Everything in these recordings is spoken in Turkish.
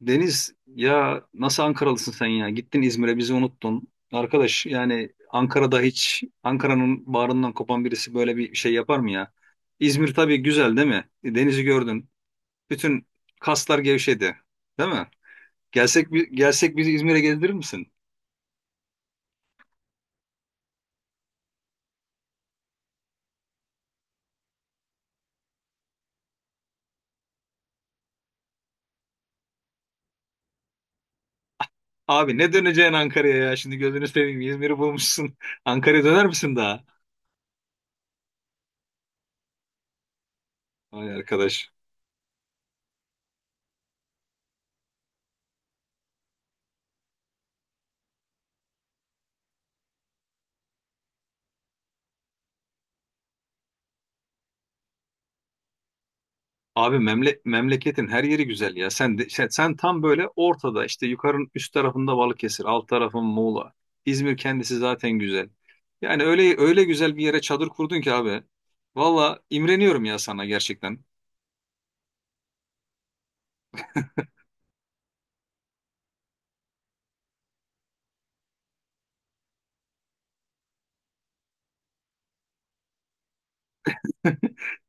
Deniz, ya nasıl Ankaralısın sen ya? Gittin İzmir'e bizi unuttun. Arkadaş, yani Ankara'da hiç Ankara'nın bağrından kopan birisi böyle bir şey yapar mı ya? İzmir tabii güzel, değil mi? Denizi gördün. Bütün kaslar gevşedi. Değil mi? Gelsek bizi İzmir'e gezdirir misin? Abi, ne döneceksin Ankara'ya ya? Şimdi gözünü seveyim, İzmir'i bulmuşsun. Ankara'ya döner misin daha? Ay arkadaş. Abi memleketin her yeri güzel ya. Sen tam böyle ortada, işte yukarının üst tarafında Balıkesir, alt tarafın Muğla. İzmir kendisi zaten güzel. Yani öyle öyle güzel bir yere çadır kurdun ki abi. Valla imreniyorum ya sana, gerçekten.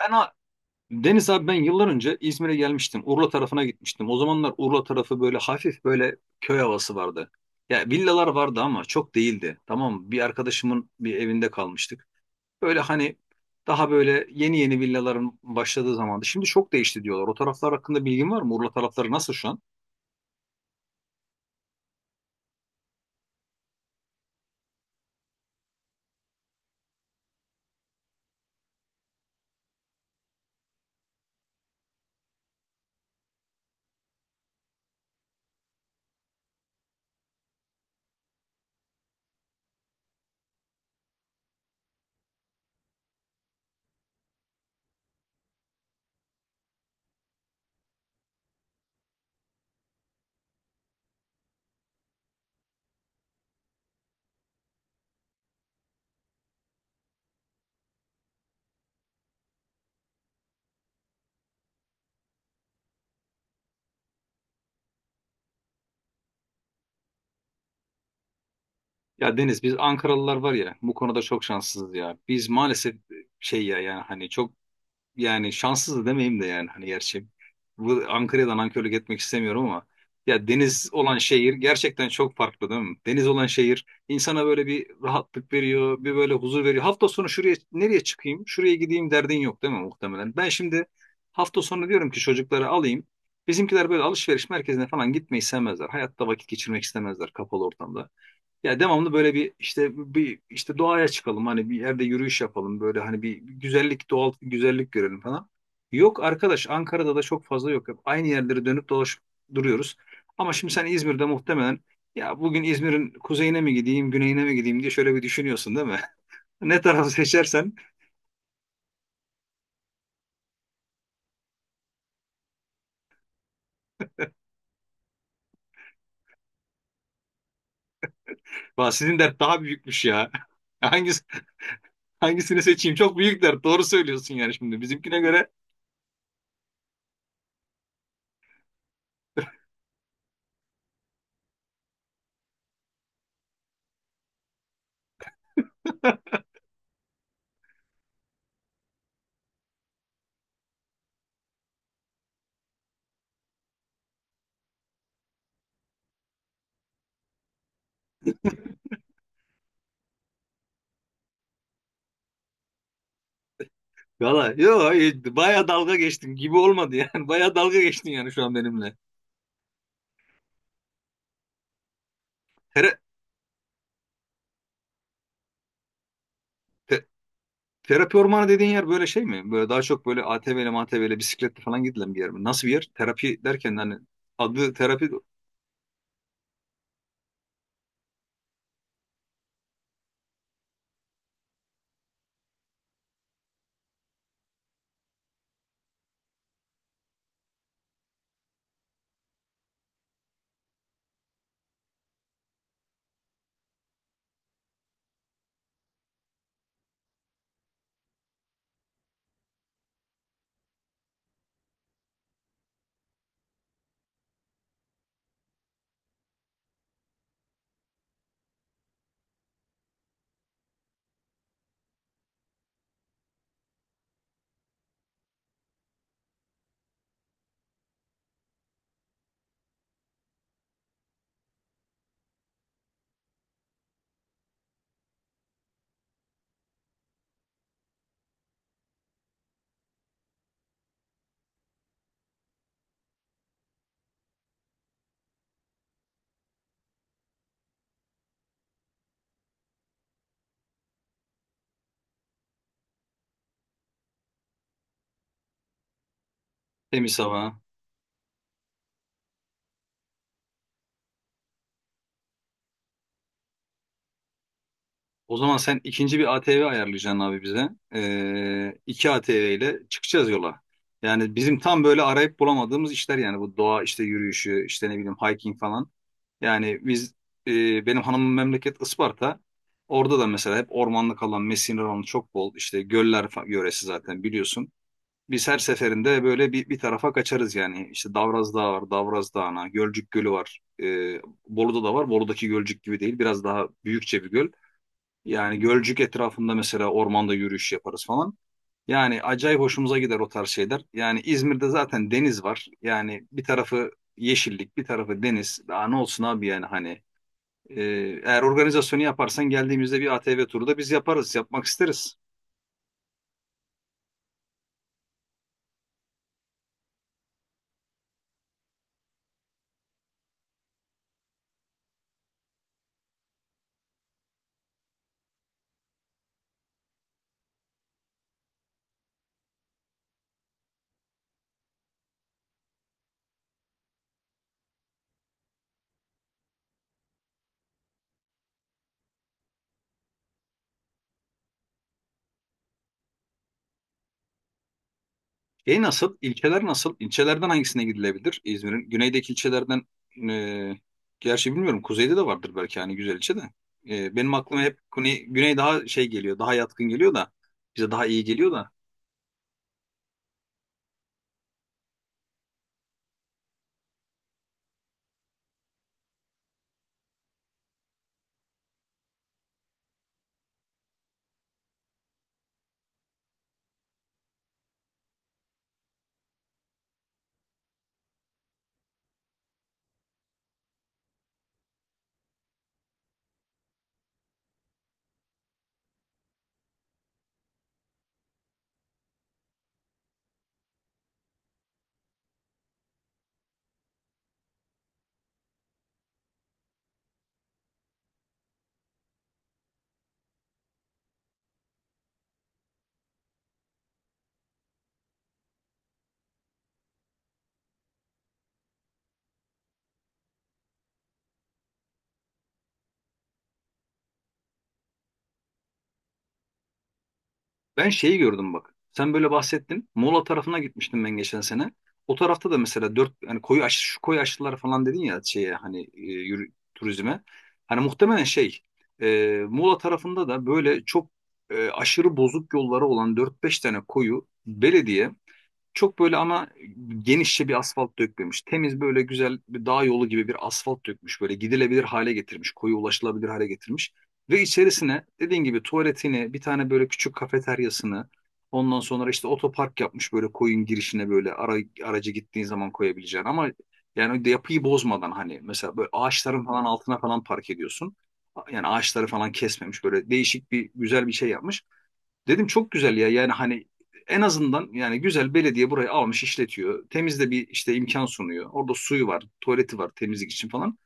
Ben ha- Deniz abi, ben yıllar önce İzmir'e gelmiştim. Urla tarafına gitmiştim. O zamanlar Urla tarafı böyle hafif böyle köy havası vardı. Ya villalar vardı ama çok değildi. Tamam mı? Bir arkadaşımın bir evinde kalmıştık. Böyle hani daha böyle yeni yeni villaların başladığı zamandı. Şimdi çok değişti diyorlar. O taraflar hakkında bilgin var mı? Urla tarafları nasıl şu an? Ya Deniz, biz Ankaralılar var ya, bu konuda çok şanssızız ya. Biz maalesef şey ya, yani hani çok, yani şanssız da demeyeyim de, yani hani gerçi bu Ankara'dan nankörlük etmek istemiyorum ama ya deniz olan şehir gerçekten çok farklı, değil mi? Deniz olan şehir insana böyle bir rahatlık veriyor, bir böyle huzur veriyor. Hafta sonu şuraya nereye çıkayım, şuraya gideyim derdin yok, değil mi muhtemelen? Ben şimdi hafta sonu diyorum ki çocukları alayım. Bizimkiler böyle alışveriş merkezine falan gitmeyi sevmezler. Hayatta vakit geçirmek istemezler kapalı ortamda. Ya devamlı böyle bir işte doğaya çıkalım, hani bir yerde yürüyüş yapalım, böyle hani bir güzellik, doğal güzellik görelim falan. Yok arkadaş, Ankara'da da çok fazla yok. Hep aynı yerlere dönüp dolaşıp duruyoruz. Ama şimdi sen İzmir'de muhtemelen ya bugün İzmir'in kuzeyine mi gideyim, güneyine mi gideyim diye şöyle bir düşünüyorsun, değil mi? Ne tarafı seçersen. Vah, sizin dert daha büyükmüş ya. Hangisi, hangisini seçeyim? Çok büyük dert. Doğru söylüyorsun, yani şimdi bizimkine göre. Valla yok, baya dalga geçtin gibi olmadı yani. Baya dalga geçtin yani şu an benimle. Tere- te- terapi ormanı dediğin yer böyle şey mi? Böyle daha çok böyle ATV'li MATV'li bisikletle falan gidilen bir yer mi? Nasıl bir yer? Terapi derken hani adı terapi demiş ama. O zaman sen ikinci bir ATV ayarlayacaksın abi bize. İki ATV ile çıkacağız yola. Yani bizim tam böyle arayıp bulamadığımız işler yani, bu doğa işte yürüyüşü, işte ne bileyim hiking falan. Yani biz benim hanımın memleket Isparta. Orada da mesela hep ormanlık alan, mesire alanı çok bol. İşte yöresi zaten biliyorsun. Biz her seferinde böyle bir tarafa kaçarız yani. İşte Davraz Dağı var, Davraz Dağı'na, Gölcük Gölü var. Bolu'da da var. Bolu'daki Gölcük gibi değil. Biraz daha büyükçe bir göl. Yani Gölcük etrafında mesela ormanda yürüyüş yaparız falan. Yani acayip hoşumuza gider o tarz şeyler. Yani İzmir'de zaten deniz var. Yani bir tarafı yeşillik, bir tarafı deniz. Daha ne olsun abi, yani hani. Ee, eğer organizasyonu yaparsan, geldiğimizde bir ATV turu da biz yaparız, yapmak isteriz. E nasıl? İlçeler nasıl? İlçelerden hangisine gidilebilir? İzmir'in güneydeki ilçelerden e, gerçi bilmiyorum, kuzeyde de vardır belki hani güzel ilçe de. Benim aklıma hep güney, güney daha şey geliyor, daha yatkın geliyor da bize daha iyi geliyor da. Ben şeyi gördüm bak. Sen böyle bahsettin. Muğla tarafına gitmiştim ben geçen sene. O tarafta da mesela dört hani koyu aş şu koyu aşılar falan dedin ya şeye, hani turizme. Hani muhtemelen şey, Muğla tarafında da böyle çok, aşırı bozuk yolları olan dört beş tane koyu belediye çok böyle ama genişçe bir asfalt dökmemiş. Temiz böyle güzel bir dağ yolu gibi bir asfalt dökmüş. Böyle gidilebilir hale getirmiş. Koyu ulaşılabilir hale getirmiş. Ve içerisine dediğin gibi tuvaletini, bir tane böyle küçük kafeteryasını, ondan sonra işte otopark yapmış böyle koyun girişine böyle aracı gittiğin zaman koyabileceğin. Ama yani de yapıyı bozmadan hani mesela böyle ağaçların falan altına falan park ediyorsun. Yani ağaçları falan kesmemiş, böyle değişik bir güzel bir şey yapmış. Dedim çok güzel ya, yani hani en azından, yani güzel, belediye burayı almış işletiyor. Temizde bir işte imkan sunuyor. Orada suyu var, tuvaleti var temizlik için falan.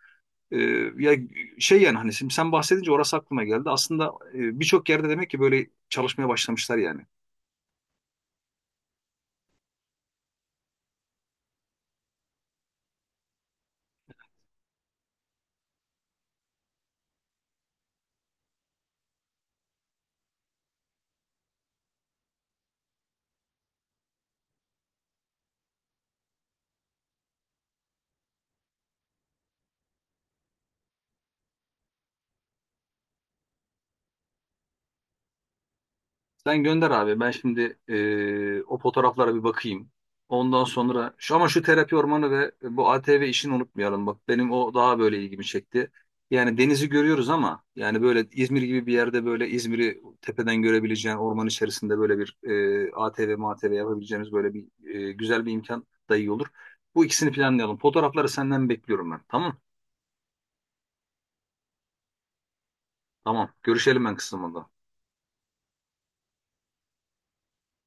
Ee, ya şey yani hani, şimdi sen bahsedince orası aklıma geldi. Aslında birçok yerde demek ki böyle çalışmaya başlamışlar yani. Sen gönder abi. Ben şimdi o fotoğraflara bir bakayım. Ondan sonra şu terapi ormanı ve bu ATV işini unutmayalım. Bak, benim o daha böyle ilgimi çekti. Yani denizi görüyoruz ama yani böyle İzmir gibi bir yerde böyle İzmir'i tepeden görebileceğin orman içerisinde böyle bir ATV, MATV yapabileceğimiz böyle bir güzel bir imkan da iyi olur. Bu ikisini planlayalım. Fotoğrafları senden bekliyorum ben. Tamam. Tamam. Görüşelim ben kısmında.